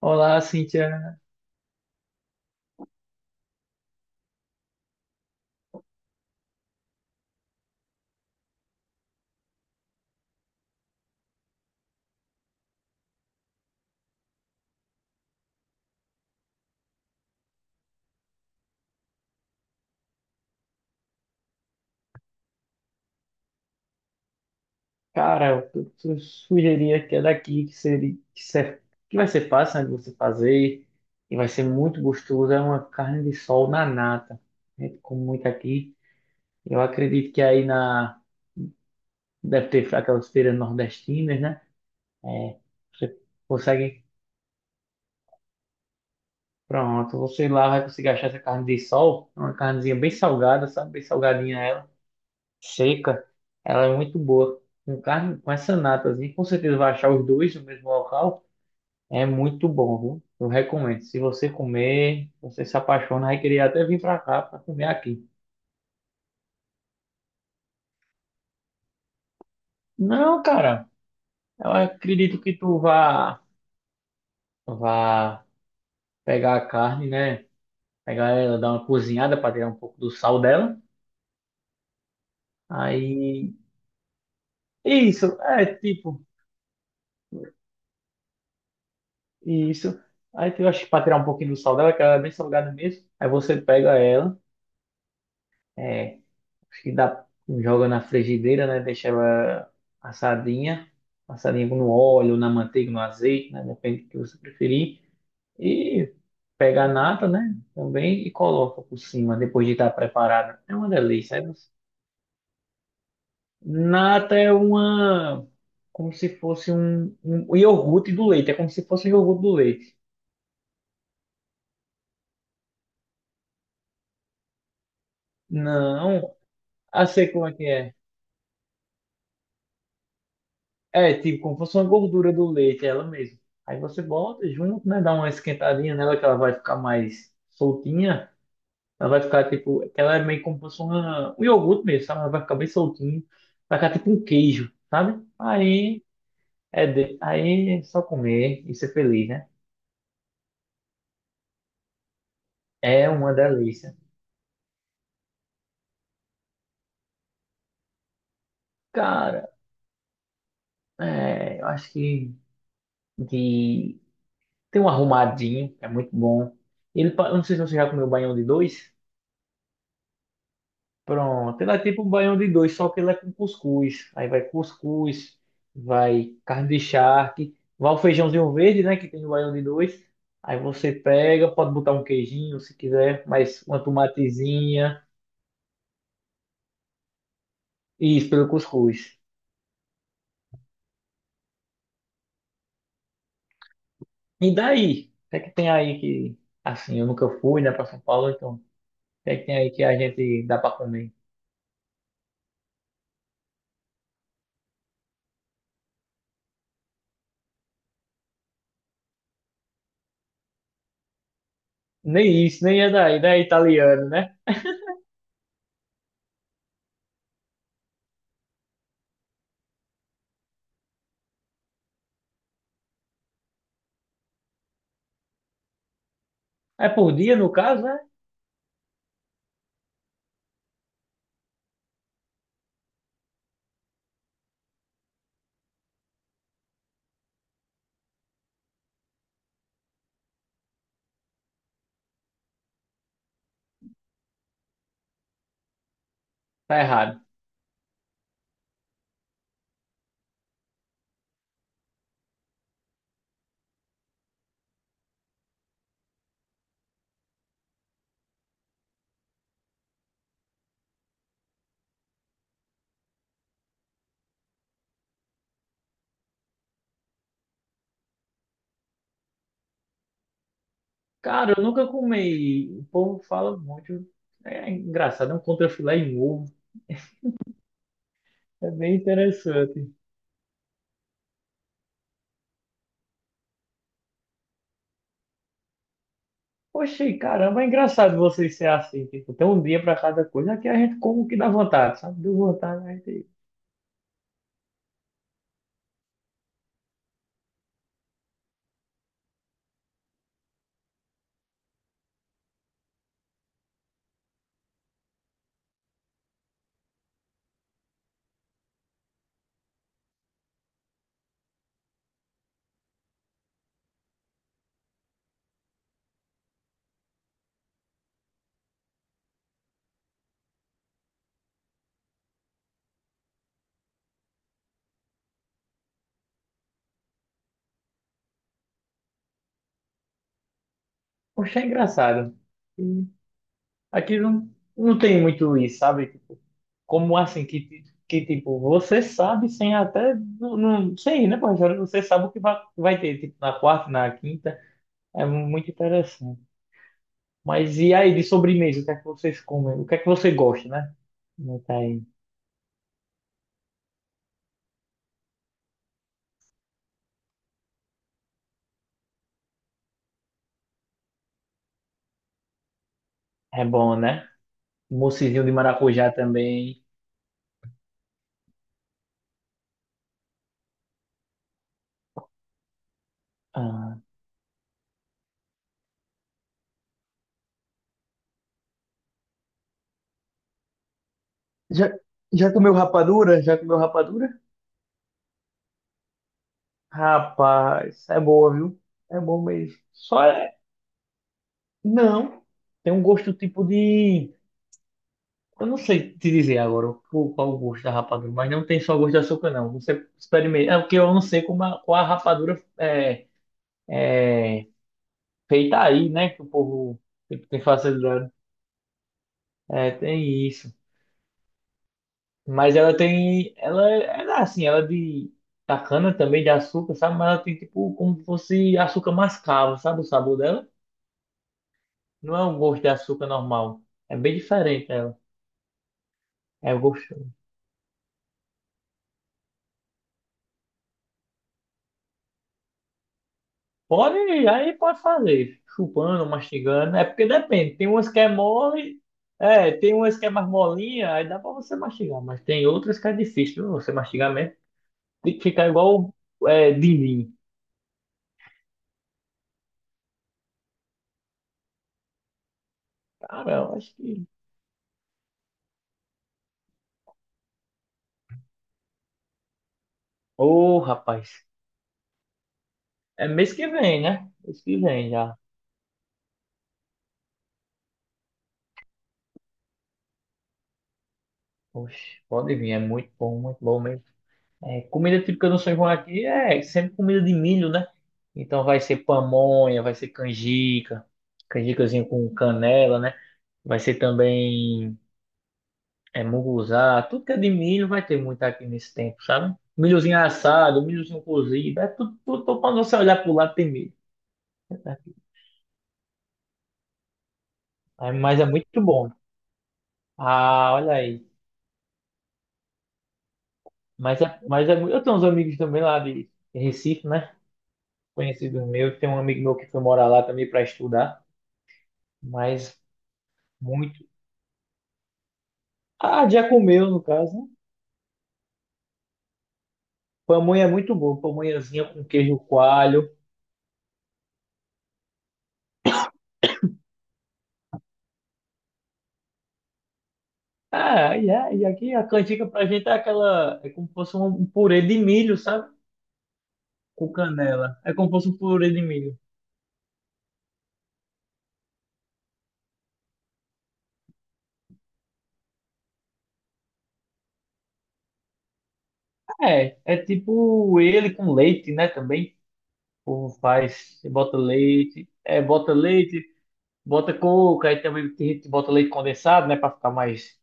Olá, Cíntia. Cara, eu sugeria que é daqui que seria que vai ser fácil, né, de você fazer e vai ser muito gostoso. É uma carne de sol na nata. A gente come muito aqui. Eu acredito que aí na deve ter aquelas feiras nordestinas, né? É, você consegue. Pronto, você lá vai conseguir achar essa carne de sol. É uma carnezinha bem salgada, sabe? Bem salgadinha ela, seca. Ela é muito boa. Com carne, com essa natazinha, com certeza vai achar os dois no mesmo local. É muito bom, viu? Eu recomendo. Se você comer, você se apaixona, vai querer até vir pra cá pra comer aqui. Não, cara, eu acredito que tu vá, vá pegar a carne, né? Pegar ela, dar uma cozinhada para tirar um pouco do sal dela. Aí, isso, é tipo, isso. Aí tu acha que para tirar um pouquinho do sal dela, que ela é bem salgada mesmo. Aí você pega ela. É. Acho que dá, joga na frigideira, né? Deixa ela assadinha, no óleo, na manteiga, no azeite, né? Depende do que você preferir. E pega a nata, né? Também e coloca por cima, depois de estar preparada. É uma delícia. É doce. Nata é uma. Como se fosse um, iogurte do leite. É como se fosse um iogurte do leite. Não, ah, sei como é que é. É, tipo, como fosse uma gordura do leite, é ela mesmo. Aí você bota junto, né? Dá uma esquentadinha nela que ela vai ficar mais soltinha. Ela vai ficar tipo. Que Ela é meio como se fosse um iogurte mesmo, sabe? Ela vai ficar bem soltinha. Vai ficar tipo um queijo, sabe? Aí é só comer e ser feliz, né? É uma delícia. Cara, eu acho que de. Tem um arrumadinho, é muito bom. Ele, eu não sei se você já comeu baião de dois. Pronto, ele é tipo um baião de dois, só que ele é com cuscuz. Aí vai cuscuz, vai carne de charque, vai o feijãozinho verde, né, que tem no baião de dois. Aí você pega, pode botar um queijinho se quiser, mas uma tomatezinha, e isso pelo cuscuz. E daí? O que é que tem aí que, assim, eu nunca fui, né, pra São Paulo, então, o que é que tem aí que a gente dá pra comer? Nem isso, nem é daí, né, italiano, né? É por dia, no caso, né? Tá errado. Cara, eu nunca comi. O povo fala muito. É engraçado, é um contrafilé em ovo. É bem interessante. Oxi, caramba, é engraçado vocês ser assim. Tipo, tem um dia pra cada coisa. Aqui a gente come o que dá vontade, sabe? Deu vontade, a gente. Oxe, é engraçado. E aqui não, não tem muito isso, sabe? Tipo, como assim, que tipo, você sabe sem até. Não, não, sem ir, né, professor? Você sabe o que vai ter, tipo, na quarta, na quinta. É muito interessante. Mas e aí, de sobremesa, o que é que vocês comem? O que é que você gosta, né? Não tá aí. É bom, né? Moussezinho de maracujá também. Ah, Já, já comeu rapadura? Já comeu rapadura? Rapaz, é boa, viu? É bom mesmo. Só é. Não. Tem um gosto tipo de. Eu não sei te dizer agora qual o gosto da rapadura, mas não tem só gosto de açúcar, não. Você experimenta. É porque eu não sei qual a rapadura é, é feita aí, né? Que o povo tem facilidade. É, tem isso. Mas ela tem. Ela assim, ela é de. Da cana também, de açúcar, sabe? Mas ela tem tipo como se fosse açúcar mascavo, sabe? O sabor dela. Não é um gosto de açúcar normal. É bem diferente ela. É gostoso. Pode, aí pode fazer. Chupando, mastigando. É porque depende. Tem umas que é mole. É, tem umas que é mais molinha, aí dá pra você mastigar. Mas tem outras que é difícil, viu? Você mastigar mesmo. Tem que ficar igual din-din. Cara, eu acho que. Ô, rapaz. É mês que vem, né? Mês que vem já. Oxe, pode vir, é muito bom mesmo. É, comida típica do São João aqui é sempre comida de milho, né? Então vai ser pamonha, vai ser canjica, canjicazinho com canela, né? Vai ser também munguzá, tudo que é de milho vai ter muito aqui nesse tempo, sabe? Milhozinho assado, milhozinho cozido, é tudo, tudo, tudo quando você olhar pro lado tem milho. Aí, mas é muito bom. Ah, olha aí. Eu tenho uns amigos também lá de Recife, né? Conhecido meu, tem um amigo meu que foi morar lá também para estudar, mas muito. Ah, já comeu, no caso, né? Pamonha é muito boa, pamonhazinha com queijo coalho. Ah, e aqui a canjica pra gente é aquela. É como se fosse um purê de milho, sabe? Com canela. É como se fosse um purê de milho. É, é tipo ele com leite, né? Também. O povo faz, você bota leite, bota coco, aí também tem gente que bota leite condensado, né? Pra ficar mais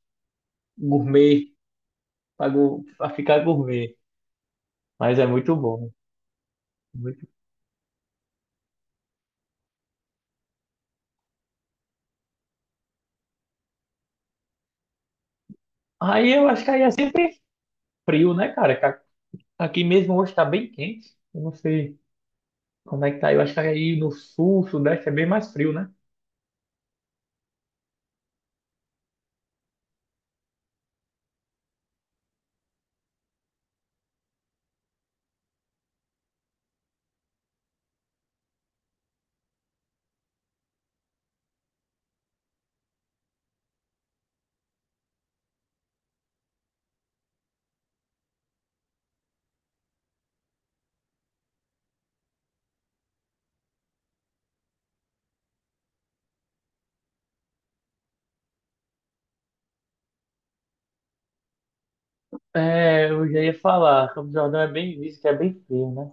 gourmet, pra ficar gourmet. Mas é muito bom. Muito... Aí eu acho que aí é sempre frio, né, cara? Aqui mesmo hoje tá bem quente. Eu não sei como é que tá. Eu acho que aí no sul, sudeste é bem mais frio, né? É, eu já ia falar. Campos do Jordão é bem isso, que é bem frio, né?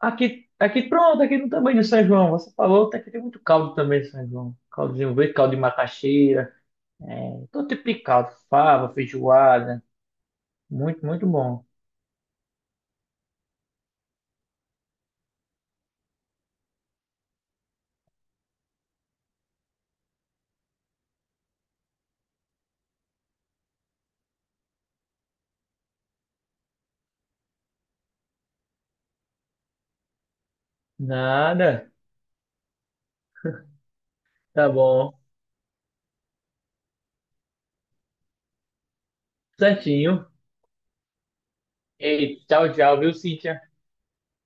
Aqui pronto, aqui no tamanho do São João. Você falou até que tem muito caldo também de São João. Caldozinho verde, caldo de macaxeira. É, todo tipo de caldo. Fava, feijoada. Muito, muito bom. Nada. Tá bom. Certinho. Ei, tchau, tchau, viu, Cíntia?